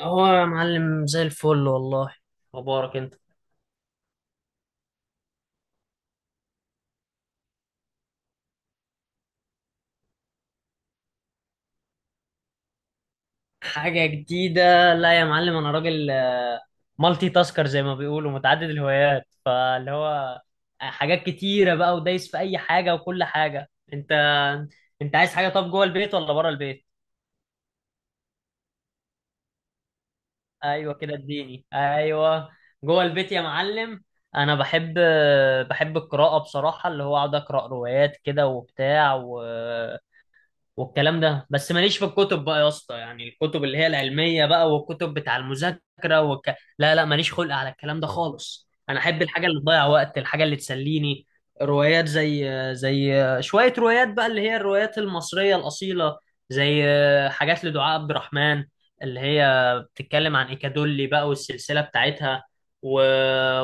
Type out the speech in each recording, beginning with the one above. هو يا معلم زي الفل والله. مبارك انت. حاجة جديدة؟ لا يا معلم، انا راجل مالتي تاسكر زي ما بيقولوا، متعدد الهوايات، فاللي هو حاجات كتيرة بقى ودايس في اي حاجة وكل حاجة. انت انت عايز حاجة طب جوه البيت ولا بره البيت؟ ايوه كده، اديني ايوه. جوه البيت يا معلم، انا بحب، بحب القراءة بصراحة، اللي هو اقعد اقرا روايات كده وبتاع والكلام ده. بس ماليش في الكتب بقى يا اسطى، يعني الكتب اللي هي العلمية بقى والكتب بتاع المذاكرة لا لا، ماليش خلق على الكلام ده خالص. انا احب الحاجة اللي تضيع وقت، الحاجة اللي تسليني. روايات، زي شوية روايات بقى، اللي هي الروايات المصرية الأصيلة. زي حاجات لدعاء عبد الرحمن، اللي هي بتتكلم عن إيكادولي بقى والسلسلة بتاعتها، و...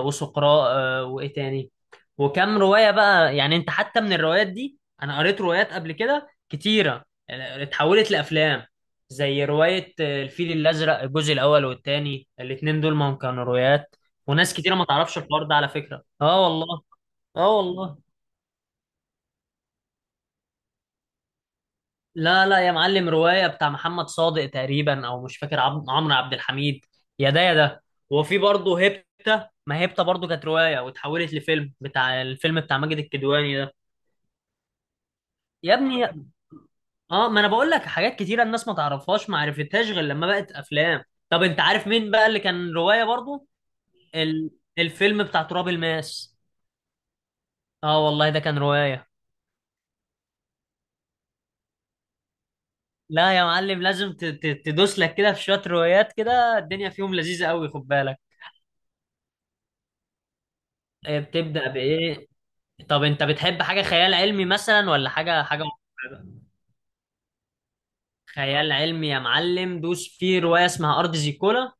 وسقراء، وإيه تاني، وكم رواية بقى. يعني أنت حتى من الروايات دي، أنا قريت روايات قبل كده كتيرة يعني اتحولت لأفلام. زي رواية الفيل الأزرق، الجزء الأول والتاني، الاتنين دول ما هم كانوا روايات. وناس كتيرة ما تعرفش الحوار ده على فكرة، اه والله. اه والله. لا لا يا معلم، رواية بتاع محمد صادق تقريبا، أو مش فاكر، عمرو عبد الحميد، يا ده يا ده. وفي برضه هيبتا، ما هيبتا برضه كانت رواية واتحولت لفيلم، بتاع الفيلم بتاع ماجد الكدواني. يا ابني اه، ما انا بقول لك حاجات كتيره الناس ما تعرفهاش، ما عرفتهاش غير لما بقت افلام. طب انت عارف مين بقى اللي كان روايه برضو؟ ال... الفيلم بتاع تراب الماس. اه والله ده كان روايه. لا يا معلم، لازم تدوس لك كده في شويه روايات كده، الدنيا فيهم لذيذه قوي، خد بالك. بتبدا بايه؟ طب انت بتحب حاجه خيال علمي مثلا ولا حاجه واقعية بقى؟ خيال علمي يا معلم، دوس في روايه اسمها ارض زيكولا.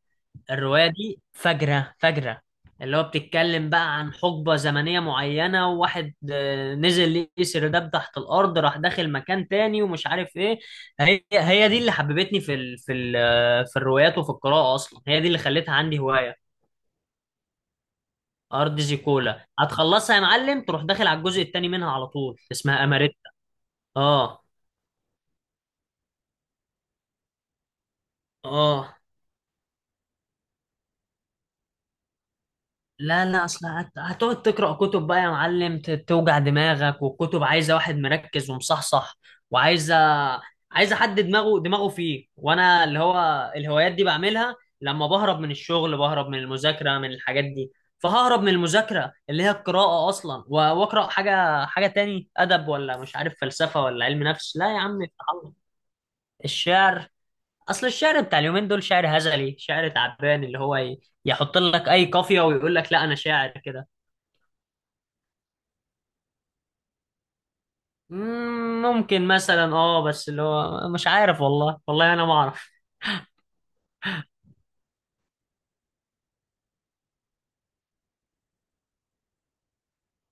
الرواية دي فجرة فجرة، اللي هو بتتكلم بقى عن حقبة زمنية معينة، وواحد نزل يسر دب تحت الأرض، راح داخل مكان تاني ومش عارف إيه. هي دي اللي حببتني في ال في ال آه، في الروايات وفي القراءة أصلا، هي دي اللي خلتها عندي هواية. أرض زيكولا هتخلصها يا معلم، تروح داخل على الجزء التاني منها على طول، اسمها أماريتا. آه. آه. لا لا، اصل هتقعد تقرا كتب بقى يا معلم، توجع دماغك، والكتب عايزه واحد مركز ومصحصح، وعايزه، عايزه حد دماغه فيه، وانا اللي هو الهوايات دي بعملها لما بهرب من الشغل، بهرب من المذاكره، من الحاجات دي. فههرب من المذاكره اللي هي القراءه اصلا واقرا حاجه تاني، ادب، ولا مش عارف، فلسفه، ولا علم نفس، لا يا عم اتعلم. الشعر، اصل الشعر بتاع اليومين دول شعر هزلي، شعر تعبان، اللي هو يحط لك اي قافيه ويقول لك لا انا شاعر كده. ممكن مثلا اه، بس اللي هو مش عارف والله، والله انا ما اعرف.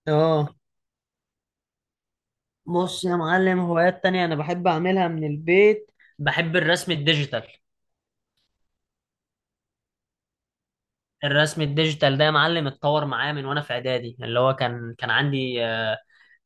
اه، بص يا معلم، هوايات تانية انا بحب اعملها من البيت، بحب الرسم الديجيتال. الرسم الديجيتال ده يا معلم اتطور معايا من وانا في اعدادي، اللي هو كان عندي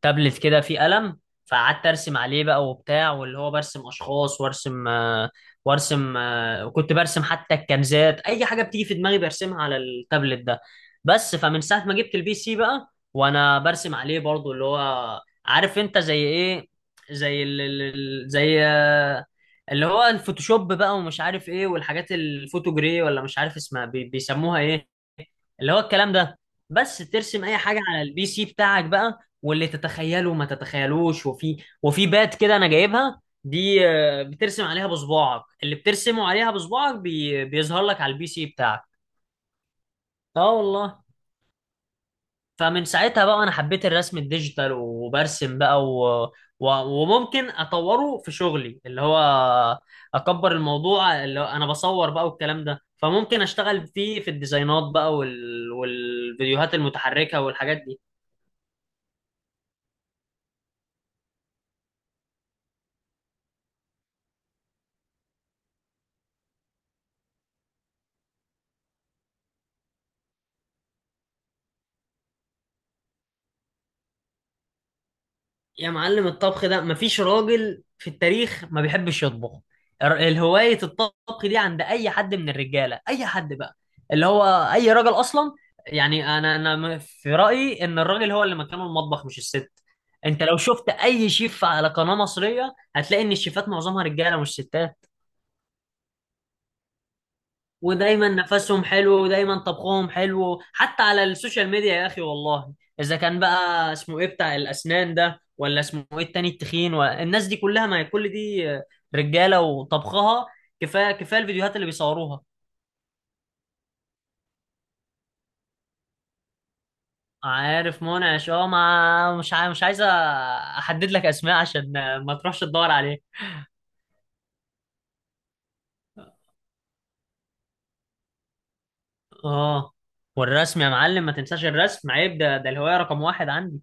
تابلت كده فيه قلم، فقعدت ارسم عليه بقى وبتاع، واللي هو برسم اشخاص وارسم وارسم وكنت برسم حتى الكنزات، اي حاجه بتيجي في دماغي برسمها على التابلت ده. بس فمن ساعه ما جبت البي سي بقى، وانا برسم عليه برضو، اللي هو عارف انت زي ايه؟ زي اللي هو الفوتوشوب بقى ومش عارف ايه، والحاجات الفوتو جري، ولا مش عارف اسمها، بيسموها ايه، اللي هو الكلام ده. بس ترسم اي حاجه على البي سي بتاعك بقى، واللي تتخيله ما تتخيلوش. وفي، وفي بات كده انا جايبها دي، بترسم عليها بصباعك، اللي بترسمه عليها بصباعك بيظهر لك على البي سي بتاعك. اه والله. فمن ساعتها بقى انا حبيت الرسم الديجيتال، وبرسم بقى وممكن اطوره في شغلي، اللي هو اكبر الموضوع، اللي هو انا بصور بقى والكلام ده، فممكن اشتغل فيه في الديزاينات بقى والفيديوهات المتحركة والحاجات دي. يا معلم الطبخ ده، مفيش راجل في التاريخ ما بيحبش يطبخ. الهواية الطبخ دي عند أي حد من الرجالة، أي حد بقى، اللي هو أي راجل أصلا. يعني أنا في رأيي إن الراجل هو اللي مكانه المطبخ مش الست. أنت لو شفت أي شيف على قناة مصرية، هتلاقي إن الشيفات معظمها رجالة مش ستات. ودايما نفسهم حلو، ودايما طبخهم حلو، حتى على السوشيال ميديا يا اخي والله. اذا كان بقى اسمه ايه بتاع الاسنان ده، ولا اسمه ايه التاني التخين، والناس دي كلها، ما هي كل دي رجاله وطبخها. كفايه الفيديوهات اللي بيصوروها. عارف منعش، اه، ما مش مش عايز احدد لك اسماء عشان ما تروحش تدور عليه. اه، والرسم يا معلم ما تنساش الرسم، عيب، ده ده الهوايه رقم واحد عندي.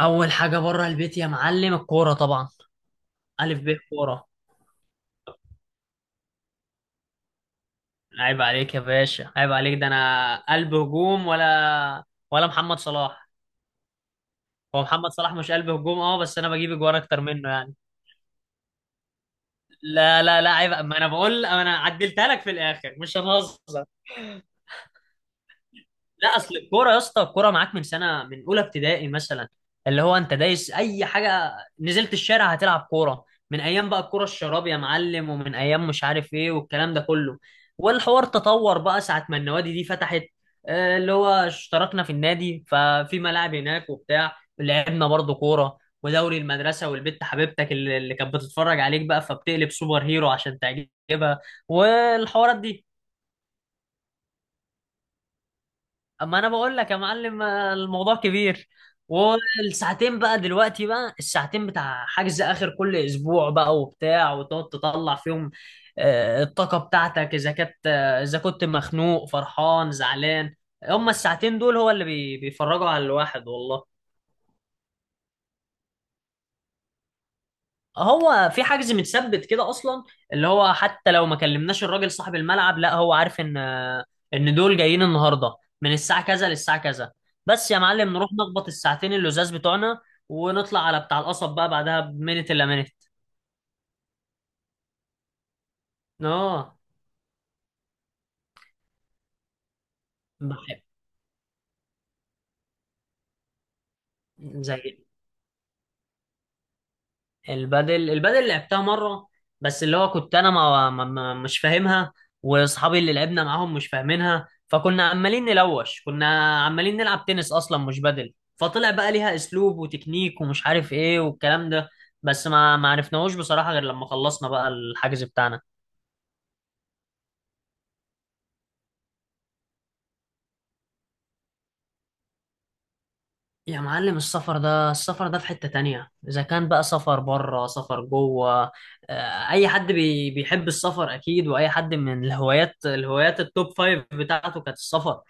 اول حاجه بره البيت يا معلم الكوره طبعا. الف ب كوره. عيب عليك يا باشا، عيب عليك، ده انا قلب هجوم ولا، ولا محمد صلاح. هو محمد صلاح مش قلب هجوم؟ اه، بس انا بجيب اجوار اكتر منه يعني. لا عيب، ما انا بقول، انا عدلتها لك في الاخر، مش هنهزر. لا اصل الكوره يا اسطى، الكوره معاك من سنه، من اولى ابتدائي مثلا، اللي هو انت دايس اي حاجه، نزلت الشارع هتلعب كوره، من ايام بقى الكوره الشراب يا معلم، ومن ايام مش عارف ايه والكلام ده كله. والحوار تطور بقى ساعه ما النوادي دي فتحت، اللي هو اشتركنا في النادي ففي ملاعب هناك وبتاع، لعبنا برضو كوره، ودوري المدرسه، والبت حبيبتك اللي كانت بتتفرج عليك بقى، فبتقلب سوبر هيرو عشان تعجبها، والحوارات دي. اما انا بقول لك يا معلم، الموضوع كبير. والساعتين بقى دلوقتي بقى، الساعتين بتاع حجز اخر كل اسبوع بقى وبتاع، وتقعد تطلع فيهم الطاقة بتاعتك، اذا كنت اذا كنت مخنوق، فرحان، زعلان، هما الساعتين دول هو اللي بيفرجوا على الواحد والله. هو في حجز متثبت كده اصلا، اللي هو حتى لو ما كلمناش الراجل صاحب الملعب، لا هو عارف ان، ان دول جايين النهارده من الساعه كذا للساعه كذا. بس يا معلم، نروح نخبط الساعتين اللزاز بتوعنا، ونطلع على بتاع القصب بقى بعدها بمينت الا مينت. اه، بحب، زي البادل. البادل لعبتها مرة، بس اللي هو كنت انا مش فاهمها، واصحابي اللي لعبنا معاهم مش فاهمينها، فكنا عمالين نلوش، كنا عمالين نلعب تنس اصلا مش بادل. فطلع بقى ليها اسلوب وتكنيك ومش عارف ايه والكلام ده، بس ما عرفناهوش بصراحة غير لما خلصنا بقى الحجز بتاعنا. يا معلم السفر ده، السفر ده في حتة تانية، إذا كان بقى سفر بره سفر جوه، أي حد بي بيحب السفر أكيد، وأي حد من الهوايات، الهوايات التوب فايف بتاعته كانت السفر.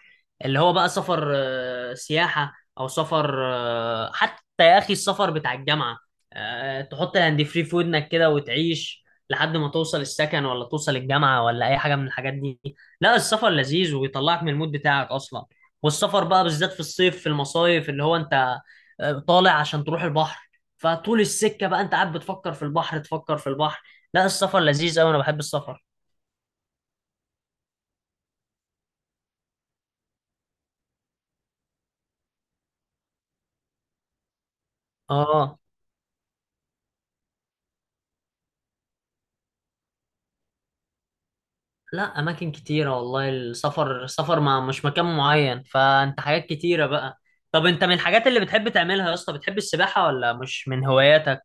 اللي هو بقى سفر سياحة، أو سفر حتى يا أخي السفر بتاع الجامعة، تحط الهاند فري في ودنك كده وتعيش لحد ما توصل السكن ولا توصل الجامعة ولا أي حاجة من الحاجات دي. لا السفر لذيذ، ويطلعك من المود بتاعك أصلا. والسفر بقى بالذات في الصيف، في المصايف، اللي هو انت طالع عشان تروح البحر، فطول السكة بقى انت قاعد بتفكر في البحر، تفكر في البحر. لا السفر لذيذ قوي، انا بحب السفر. اه، لا اماكن كتيرة والله. السفر، السفر ما مش مكان معين، فانت حاجات كتيرة بقى. طب انت من الحاجات اللي بتحب تعملها يا اسطى، بتحب السباحة ولا مش من هواياتك؟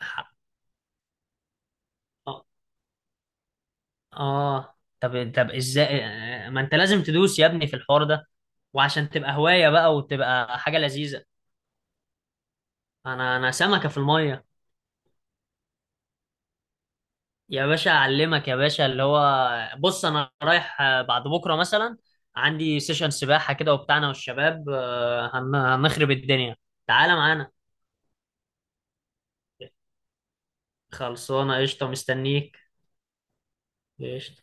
ح- اه. طب ازاي ما انت لازم تدوس يا ابني في الحوار ده، وعشان تبقى هواية بقى وتبقى حاجة لذيذة. انا انا سمكه في الميه. يا باشا اعلمك يا باشا، اللي هو بص، انا رايح بعد بكره مثلا عندي سيشن سباحه كده وبتاعنا، والشباب هنخرب الدنيا، تعالى معانا. خلصانه قشطه، مستنيك، قشطه.